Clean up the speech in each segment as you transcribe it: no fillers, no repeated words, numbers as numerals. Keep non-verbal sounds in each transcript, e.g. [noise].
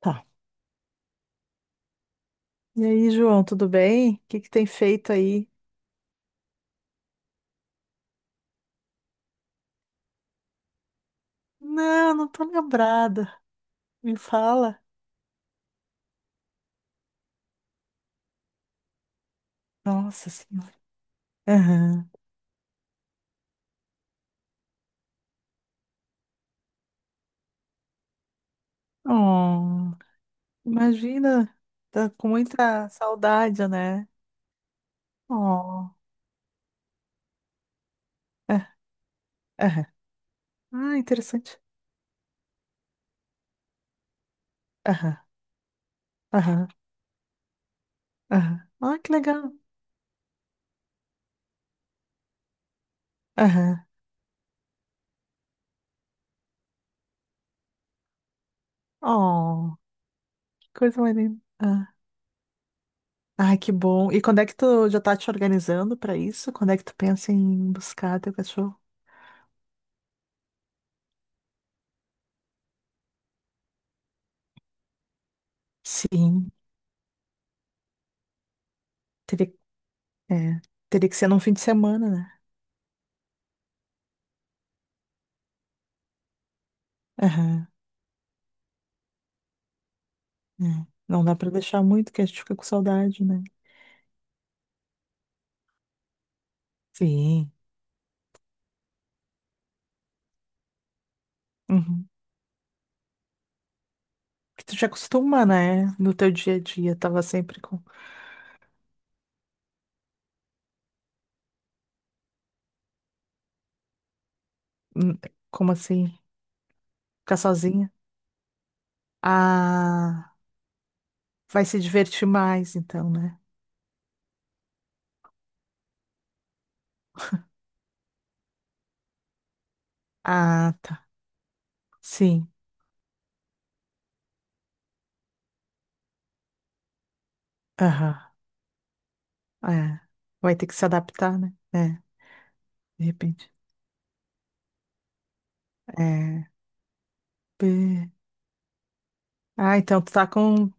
Tá. E aí, João, tudo bem? O que que tem feito aí? Não, não tô lembrada. Me fala. Nossa Senhora. Aham. Oh, imagina, tá com muita saudade, né? Oh, é, aham. Ah, interessante. Aham, aham, aham. Ah, que legal. Aham. Oh, que coisa mais linda. Ah. Ai, que bom. E quando é que tu já tá te organizando pra isso? Quando é que tu pensa em buscar teu cachorro? Sim. É, teria que ser num fim de semana, né? Aham, é. Não dá pra deixar muito, que a gente fica com saudade, né? Sim. Uhum. Que tu te acostuma, né? No teu dia a dia, tava sempre com... Hum, como assim? Ficar sozinha? Ah, vai se divertir mais, então, né? Ah, tá. Sim. Aham. É. Vai ter que se adaptar, né? É, de repente. É. P- Ah, então tu tá com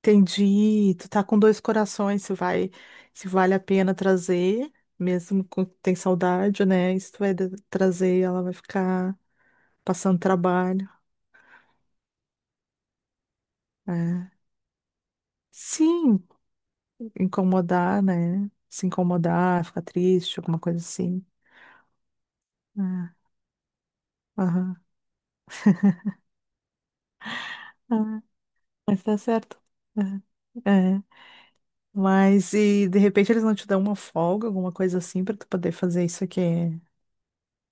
entendi. Tu tá com dois corações, se vai, se vale a pena trazer, mesmo com tem saudade, né? E se tu vai de- trazer, ela vai ficar passando trabalho. É. Sim, incomodar, né? Se incomodar, ficar triste, alguma coisa assim. É. Aham. Ah, mas tá certo. É. É. Mas e de repente eles não te dão uma folga, alguma coisa assim, pra tu poder fazer isso aqui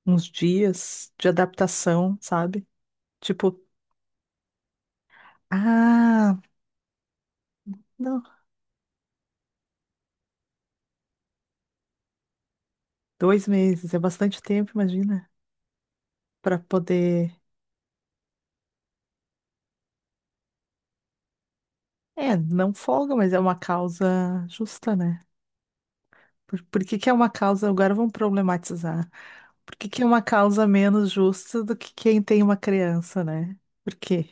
uns dias de adaptação, sabe? Tipo, ah, não. Dois meses é bastante tempo, imagina. Pra poder. É, não folga, mas é uma causa justa, né? Por que que é uma causa? Agora vamos problematizar. Por que que é uma causa menos justa do que quem tem uma criança, né? Por quê?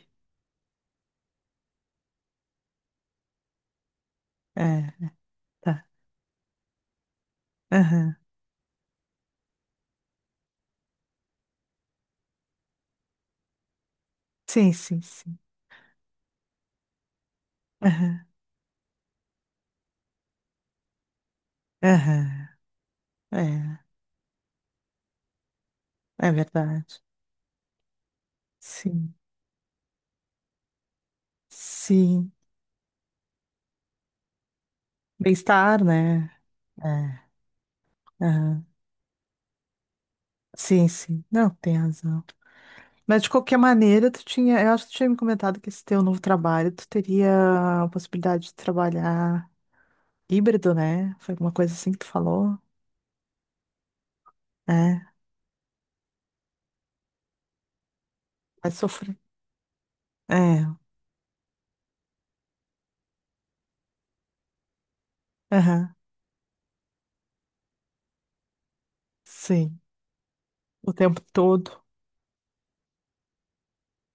É, tá. Aham. Sim, sim, sim. Aham. Aham. É, é verdade. Sim. Sim. Bem-estar, né? É. Aham. Sim, sim. Não, tem razão. Mas de qualquer maneira, tu tinha, eu acho que tu tinha me comentado que esse teu novo trabalho, tu teria a possibilidade de trabalhar híbrido, né? Foi alguma coisa assim que tu falou? É, vai sofrer. É, aham, sim. O tempo todo.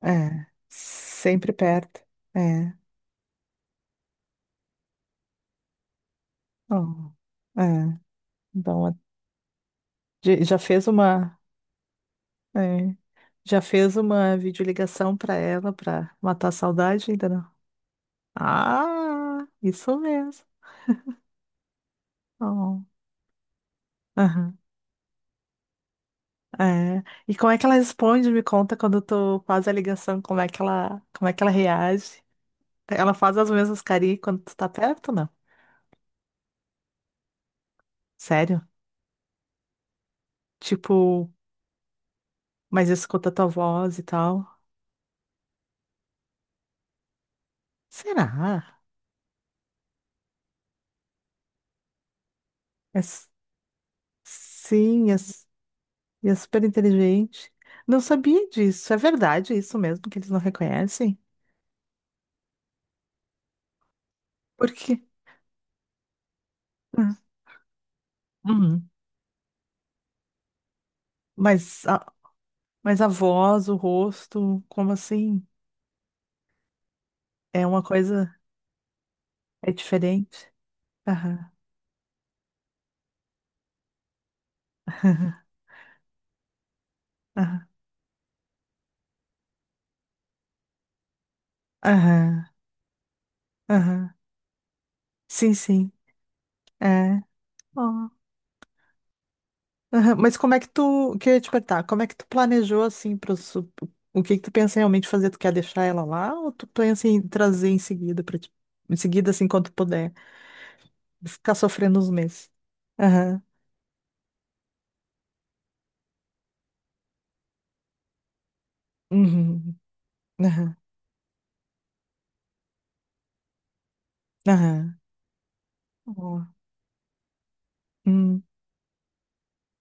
É, sempre perto. É, oh, é. Então, a- de- já fez uma, é, já fez uma videoligação pra ela pra matar a saudade ainda não? Ah, isso mesmo. Oh, é. E como é que ela responde? Me conta quando tu faz a ligação, como é que ela, como é que ela reage? Ela faz as mesmas carinhas quando tu tá perto, não? Sério? Tipo, mas escuta tua voz e tal. Será? É, sim, é, e é super inteligente. Não sabia disso. É verdade isso mesmo que eles não reconhecem? Por quê? Hum. Uhum. Mas a, mas a voz, o rosto, como assim? É uma coisa, é diferente. Aham. [laughs] Aham, aham. Sim, sim. É. Ó. Aham, mas como é que tu, queria te perguntar, como é que tu planejou assim para o que que tu pensa realmente fazer? Tu quer deixar ela lá ou tu pensa em trazer em seguida para ti? Em seguida, assim, quando tu puder, ficar sofrendo uns meses. Aham. Uhum. Aham. Aham. Ó. Hum,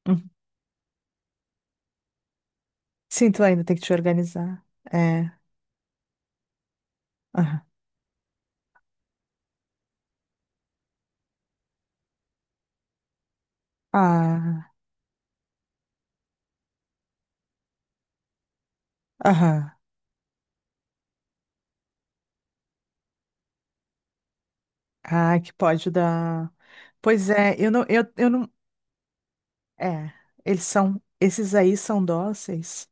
hum. Sim, tu ainda tem que te organizar. É. Aham. Ah. Aham. Ah, que pode dar. Pois é, eu não, é, eles são, esses aí são dóceis.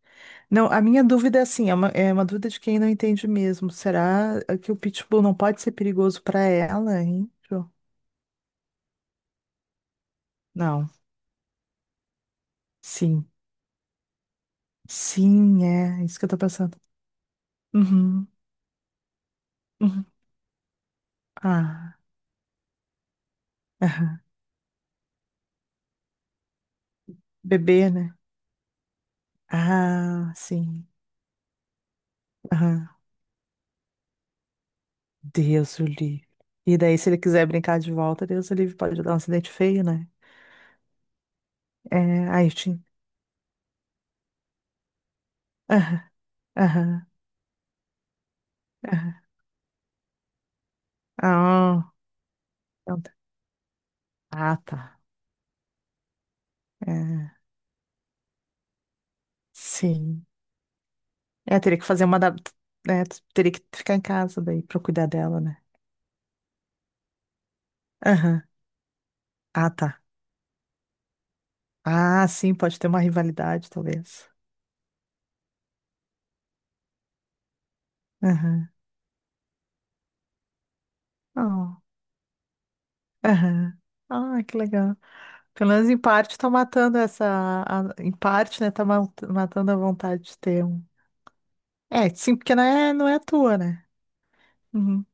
Não, a minha dúvida é assim, é uma dúvida de quem não entende mesmo. Será que o pitbull não pode ser perigoso para ela, hein? Jo? Não, sim, sim, é isso que eu tô pensando. Uhum, uhum. Ah, aham. Bebê, né? Ah, sim. Aham. Deus o livre. E daí, se ele quiser brincar de volta, Deus o livre, pode dar um acidente feio, né? É, aí, sim. Aham, aham, aham. Ah, então tá. Ah, tá. É, sim. É, teria que fazer uma. Da- É, teria que ficar em casa daí pra cuidar dela, né? Aham. Ah, tá. Ah, sim, pode ter uma rivalidade, talvez. Aham. Ó. Aham. Ah, que legal. Pelo menos em parte tá matando essa. A- em parte, né? Tá ma- matando a vontade de ter um. É, sim, porque não é a tua, né? Uhum.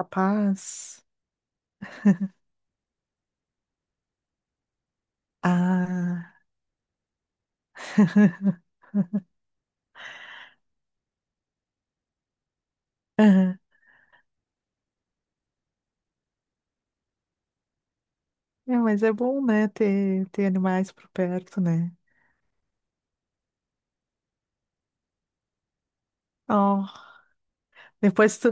Capaz. Ah. [laughs] Aham. É, mas é bom, né? Ter animais por perto, né? Ó. Depois tu,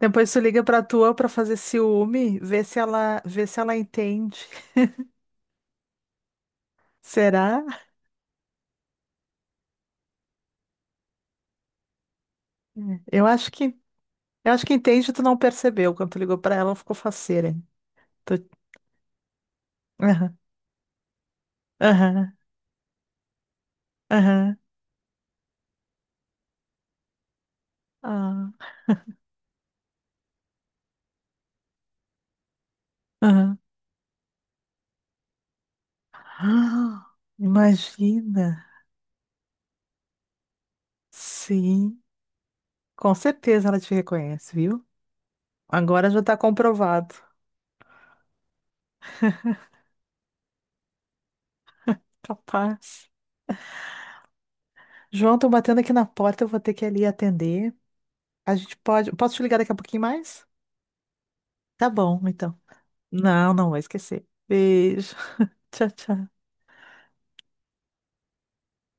depois tu liga pra tua pra fazer ciúme, vê se ela entende. [laughs] Será? É. Eu acho que, eu acho que entende, tu não percebeu. Quando tu ligou pra ela, ela ficou faceira. Hein? Tu... Aham, aham, aham, ah, aham. [gasps] Ah, imagina. Sim, com certeza ela te reconhece, viu? Agora já tá comprovado. Capaz. João, tô batendo aqui na porta, eu vou ter que ir ali atender. A gente pode. Posso te ligar daqui a pouquinho mais? Tá bom, então. Não, não vou esquecer. Beijo. [laughs] Tchau, tchau.